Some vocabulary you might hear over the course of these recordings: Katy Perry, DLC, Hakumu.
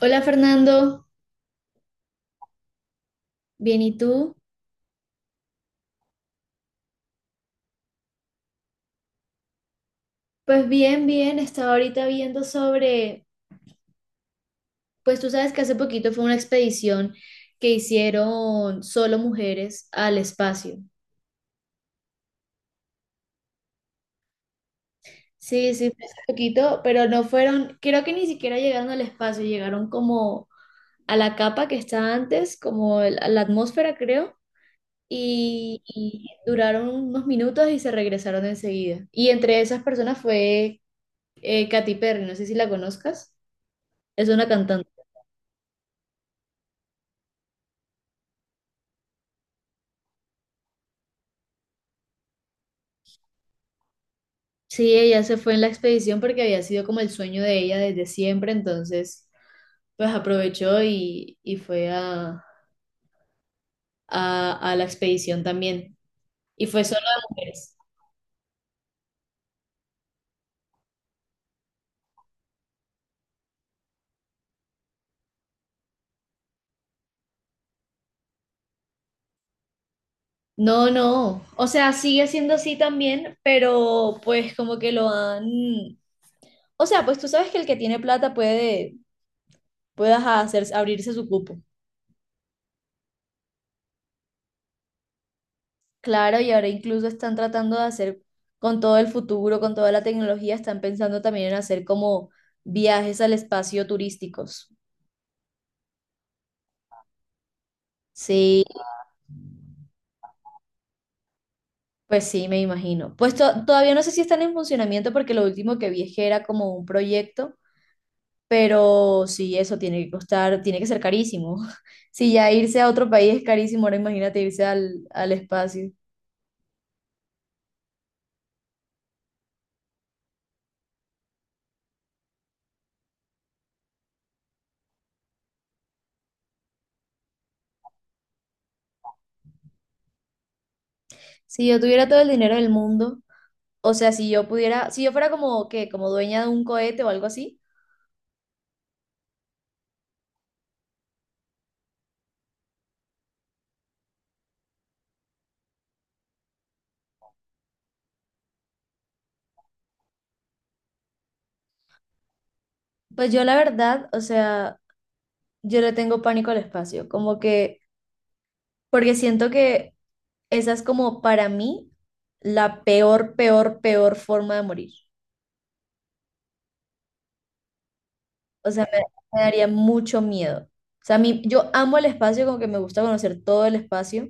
Hola Fernando, bien, ¿y tú? Pues bien, bien, estaba ahorita viendo sobre, pues tú sabes que hace poquito fue una expedición que hicieron solo mujeres al espacio. Sí, sí, fue hace poquito, pero no fueron, creo que ni siquiera llegaron al espacio, llegaron como a la capa que está antes, a la atmósfera creo, y duraron unos minutos y se regresaron enseguida. Y entre esas personas fue Katy Perry, no sé si la conozcas, es una cantante. Sí, ella se fue en la expedición porque había sido como el sueño de ella desde siempre, entonces pues aprovechó y fue a la expedición también. Y fue solo de mujeres. No, no, o sea, sigue siendo así también, pero pues como que lo han... O sea, pues tú sabes que el que tiene plata puede, puede ajá, hacer, abrirse su cupo. Claro, y ahora incluso están tratando de hacer con todo el futuro, con toda la tecnología, están pensando también en hacer como viajes al espacio turísticos. Sí, pues sí, me imagino. Pues todavía no sé si están en funcionamiento porque lo último que vi es que era como un proyecto, pero sí, eso tiene que costar, tiene que ser carísimo. Si ya irse a otro país es carísimo, ahora imagínate irse al espacio. Si yo tuviera todo el dinero del mundo, o sea, si yo pudiera, si yo fuera como que, como dueña de un cohete o algo así, pues yo la verdad, o sea, yo le tengo pánico al espacio, como que, porque siento que esa es como para mí la peor, peor, peor forma de morir. O sea, me daría mucho miedo. O sea, a mí, yo amo el espacio, como que me gusta conocer todo el espacio.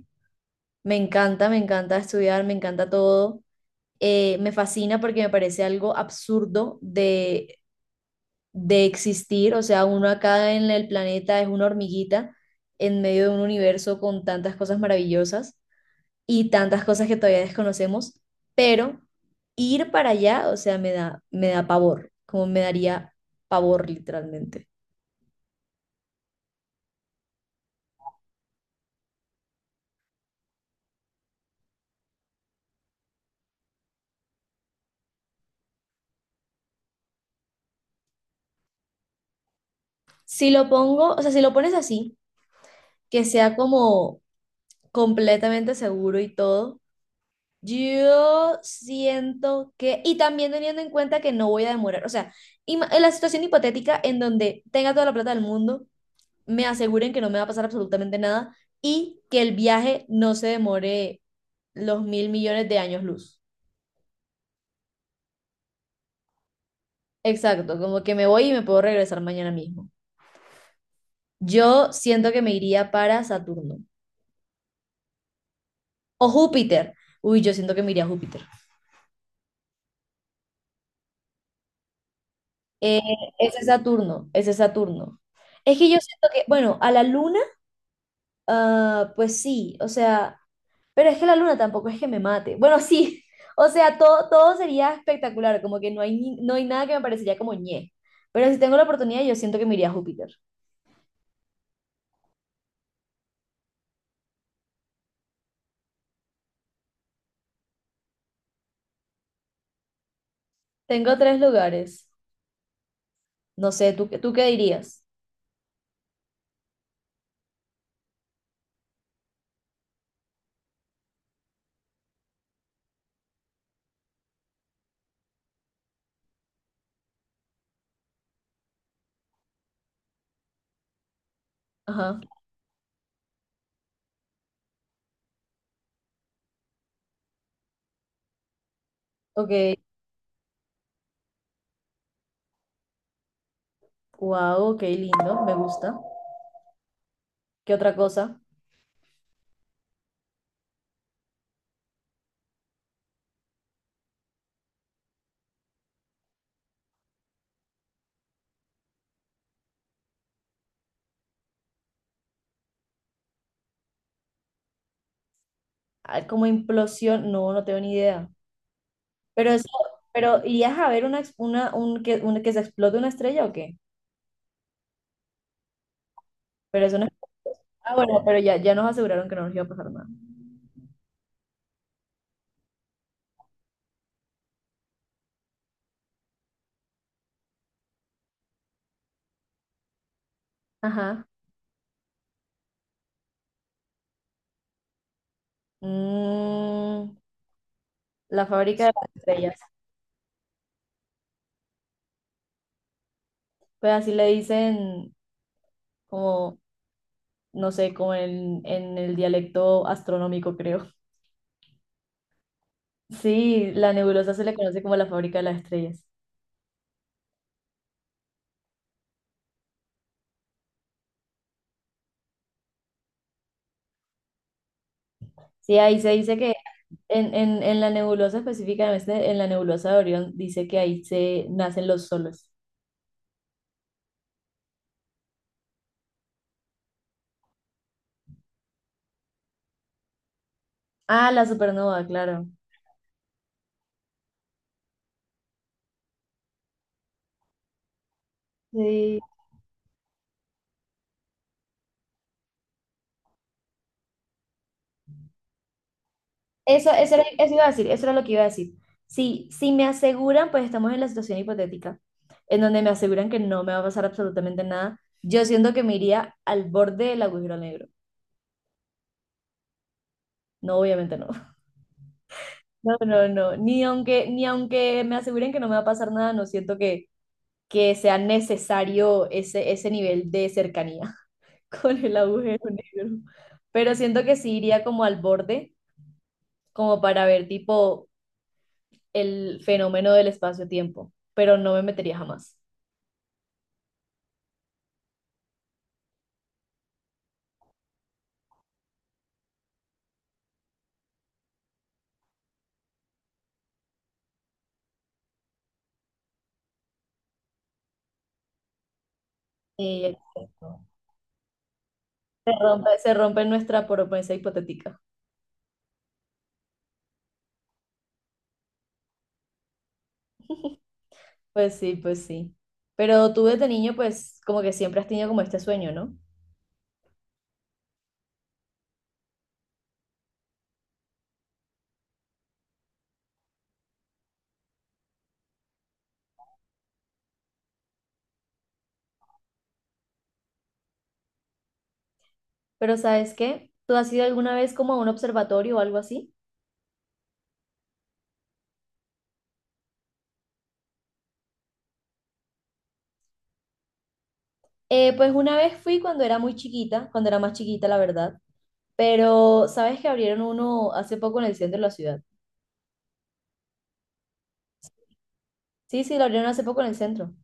Me encanta estudiar, me encanta todo. Me fascina porque me parece algo absurdo de existir. O sea, uno acá en el planeta es una hormiguita en medio de un universo con tantas cosas maravillosas y tantas cosas que todavía desconocemos, pero ir para allá, o sea, me da pavor, como me daría pavor literalmente. Si lo pongo, o sea, si lo pones así, que sea como completamente seguro y todo, yo siento que, y también teniendo en cuenta que no voy a demorar, o sea, en la situación hipotética en donde tenga toda la plata del mundo, me aseguren que no me va a pasar absolutamente nada y que el viaje no se demore los mil millones de años luz. Exacto, como que me voy y me puedo regresar mañana mismo. Yo siento que me iría para Saturno o Júpiter. Uy, yo siento que me iría a Júpiter. Eh, Ese Saturno, ese Saturno. Es que yo siento que, bueno, a la luna, ah, pues sí, o sea, pero es que la luna tampoco es que me mate. Bueno, sí, o sea, todo, todo sería espectacular, como que no hay, no hay nada que me parecería como ñe. Pero si tengo la oportunidad, yo siento que me iría a Júpiter. Tengo tres lugares. No sé, ¿ tú qué dirías? Ajá, ok. Wow, qué lindo, me gusta. ¿Qué otra cosa? Ah, como implosión, no, no tengo ni idea. Pero eso, pero ¿irías a ver una, ex- una, un- que se explote una estrella o qué? Pero eso no es- Ah, bueno, pero ya, ya nos aseguraron que no nos iba a pasar nada. Ajá. Mm, la fábrica de las estrellas. Pues así le dicen como, no sé, como en el dialecto astronómico, creo. Sí, la nebulosa se le conoce como la fábrica de las estrellas. Sí, ahí se dice que en la nebulosa específicamente, en la nebulosa de Orión, dice que ahí se nacen los soles. Ah, la supernova, claro. Sí. Eso era, eso iba a decir, eso era lo que iba a decir. Si me aseguran, pues estamos en la situación hipotética, en donde me aseguran que no me va a pasar absolutamente nada, yo siento que me iría al borde del agujero negro. No, obviamente no. No, no, no. Ni aunque, ni aunque me aseguren que no me va a pasar nada, no siento que sea necesario ese nivel de cercanía. con el agujero negro. Pero siento que sí iría como al borde, como para ver tipo el fenómeno del espacio-tiempo, pero no me metería jamás. Y exacto. Se rompe nuestra promesa hipotética. Pues sí, pues sí. Pero tú desde niño, pues como que siempre has tenido como este sueño, ¿no? Pero ¿sabes qué? ¿Tú has ido alguna vez como a un observatorio o algo así? Pues una vez fui cuando era muy chiquita, cuando era más chiquita, la verdad. Pero ¿sabes que abrieron uno hace poco en el centro de la ciudad? Sí, sí, lo abrieron hace poco en el centro.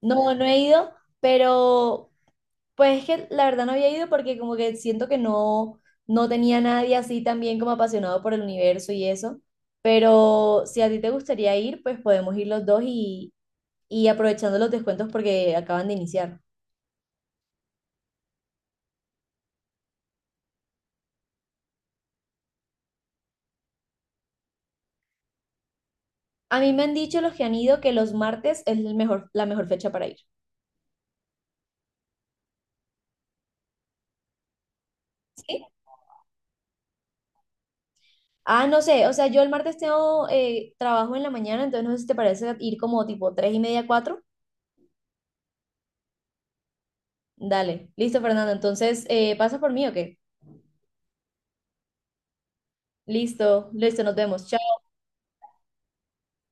No, no he ido, pero pues es que la verdad no había ido porque como que siento que no, no tenía nadie así también como apasionado por el universo y eso. Pero si a ti te gustaría ir, pues podemos ir los dos y aprovechando los descuentos porque acaban de iniciar. A mí me han dicho los que han ido que los martes es el mejor, la mejor fecha para ir. ¿Sí? Ah, no sé, o sea, yo el martes tengo trabajo en la mañana, entonces no sé si te parece ir como tipo tres y media, cuatro. Dale, listo, Fernando. Entonces, ¿pasa por mí o qué? Listo, listo, nos vemos. Chao.